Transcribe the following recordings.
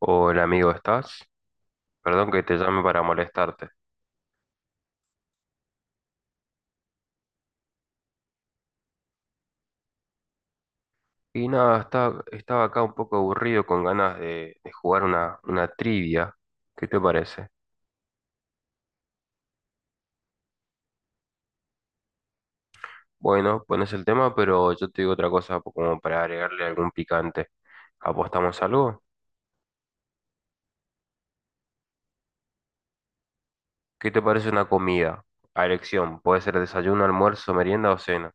Hola amigo, ¿estás? Perdón que te llame para molestarte. Y nada, estaba acá un poco aburrido con ganas de jugar una trivia. ¿Qué te parece? Bueno, pones el tema, pero yo te digo otra cosa como para agregarle algún picante. ¿Apostamos algo? ¿Qué te parece una comida? A elección, puede ser desayuno, almuerzo, merienda o cena.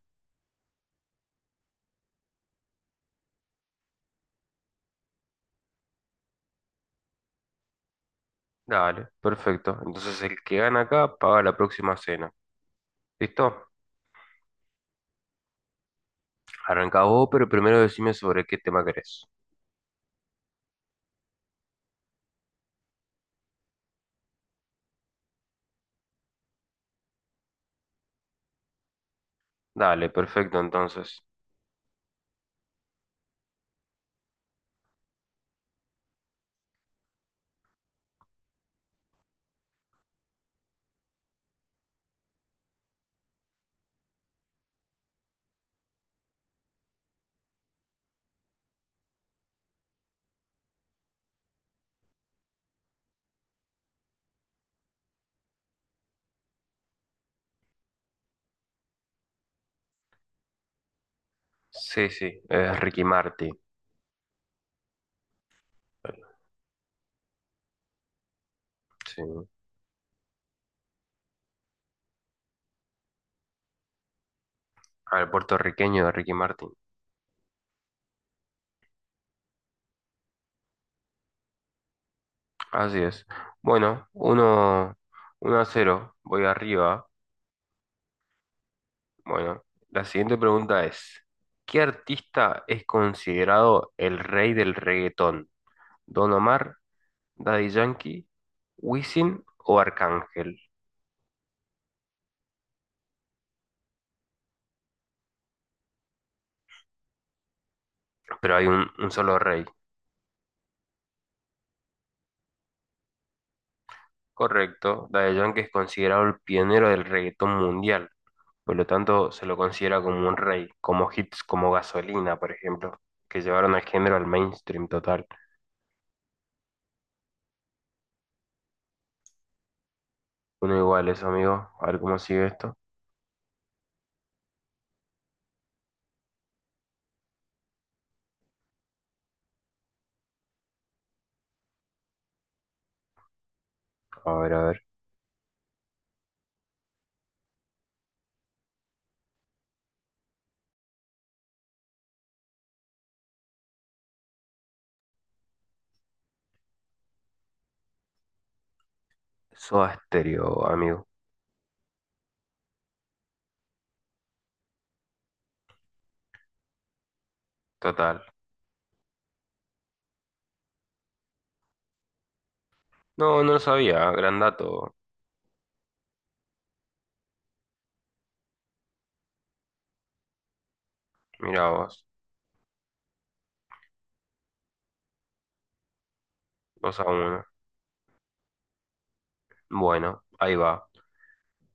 Dale, perfecto. Entonces el que gana acá paga la próxima cena. ¿Listo? Arrancá vos, pero primero decime sobre qué tema querés. Dale, perfecto entonces. Sí, sí, es Ricky Martin. Sí, al puertorriqueño de Ricky Martin. Así es. Bueno, uno, uno a cero, voy arriba. Bueno, la siguiente pregunta es, ¿qué artista es considerado el rey del reggaetón? ¿Don Omar, Daddy Yankee, Wisin o Arcángel? Pero hay un solo rey. Correcto, Daddy Yankee es considerado el pionero del reggaetón mundial. Por lo tanto, se lo considera como un rey, como hits como Gasolina, por ejemplo, que llevaron al género al mainstream total. Uno igual eso, amigo. A ver cómo sigue esto. A ver, a ver. Soda Stereo, amigo. Total. No, no lo sabía. Gran dato. Mirá vos. 2 a 1. Bueno, ahí va.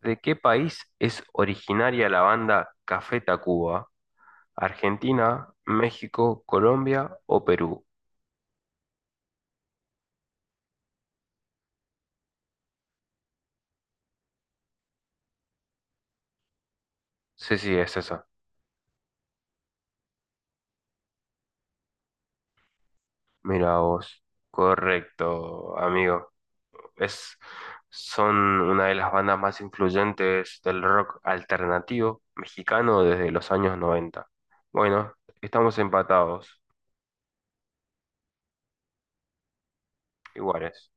¿De qué país es originaria la banda Café Tacuba? ¿Argentina, México, Colombia o Perú? Sí, sí, es esa. Mira vos. Correcto, amigo. Es, son una de las bandas más influyentes del rock alternativo mexicano desde los años noventa. Bueno, estamos empatados, iguales.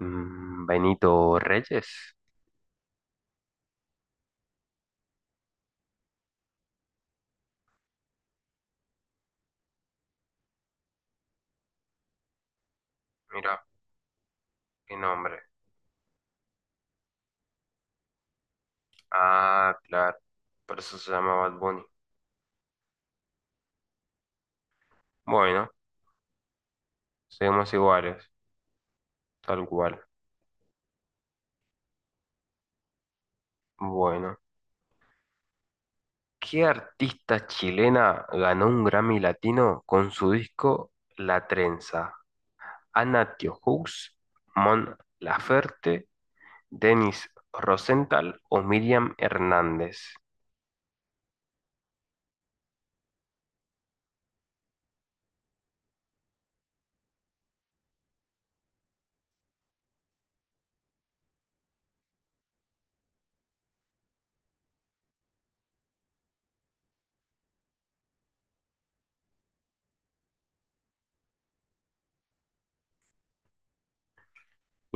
Mm, Benito Reyes, mira, qué nombre. Ah, claro, por eso se llama Bad Bunny. Bueno, seguimos iguales, tal cual. Bueno, ¿qué artista chilena ganó un Grammy Latino con su disco La Trenza? Anna Diohous, Mon Laferte, Denis Rosenthal o Miriam Hernández.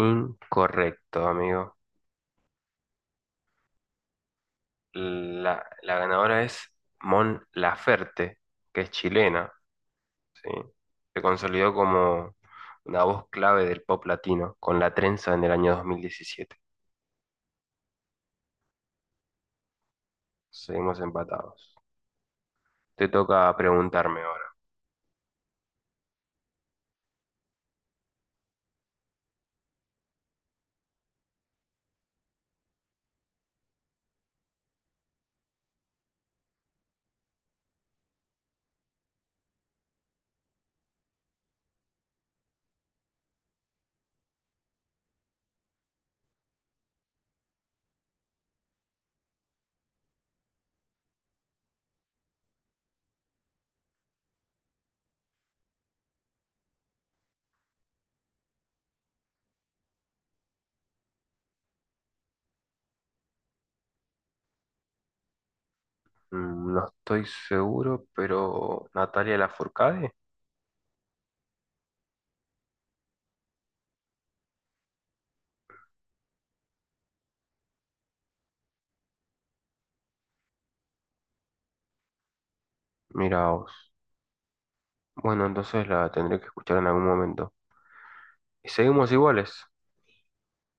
Incorrecto, amigo. La ganadora es Mon Laferte, que es chilena, ¿sí? Se consolidó como una voz clave del pop latino con La Trenza en el año 2017. Seguimos empatados. Te toca preguntarme ahora. Mm, no estoy seguro, pero Natalia Lafourcade, mira vos. Bueno, entonces la tendré que escuchar en algún momento. ¿Y seguimos iguales?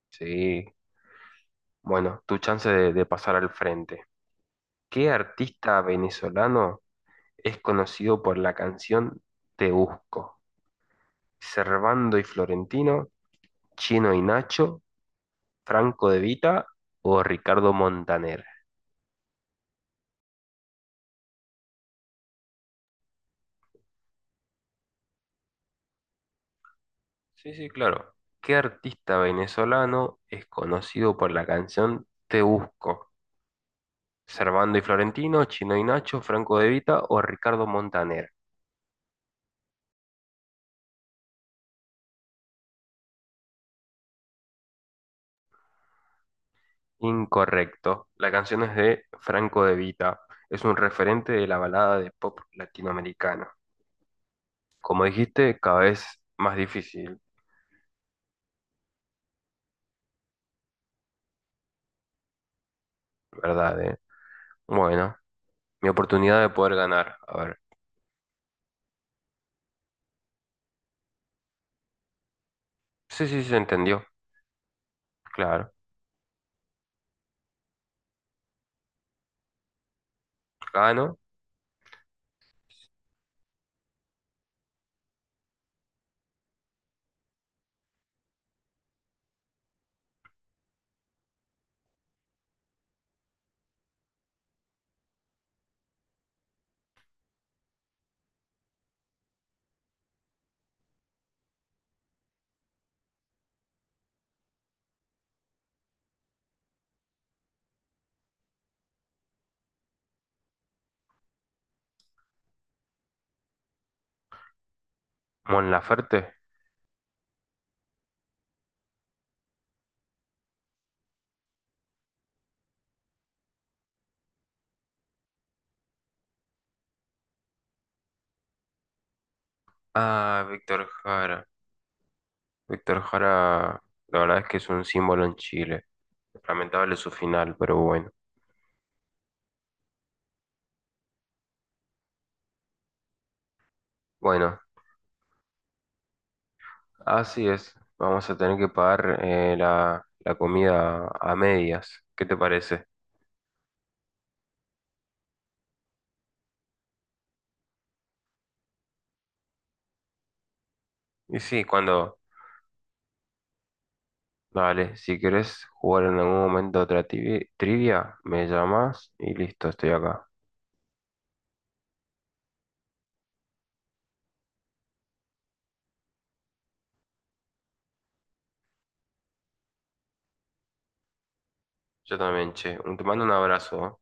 Sí. Bueno, tu chance de pasar al frente. ¿Qué artista venezolano es conocido por la canción Te Busco? ¿Servando y Florentino, Chino y Nacho, Franco De Vita o Ricardo Montaner? Sí, sí, claro. ¿Qué artista venezolano es conocido por la canción Te Busco? ¿Servando y Florentino, Chino y Nacho, Franco De Vita o Ricardo Montaner? Incorrecto. La canción es de Franco De Vita. Es un referente de la balada de pop latinoamericana. Como dijiste, cada vez más difícil, ¿verdad? Bueno, mi oportunidad de poder ganar. A ver. Sí, sí, se entendió. Claro. Gano. Mon Laferte. Ah, Víctor Jara. Víctor Jara, la verdad es que es un símbolo en Chile. Lamentable su final, pero bueno. Bueno, así es, vamos a tener que pagar la comida a medias. ¿Qué te parece? Y sí, cuando... Vale, si querés jugar en algún momento otra trivia, me llamas y listo, estoy acá. Yo también, che. Te mando un abrazo. ¿Eh?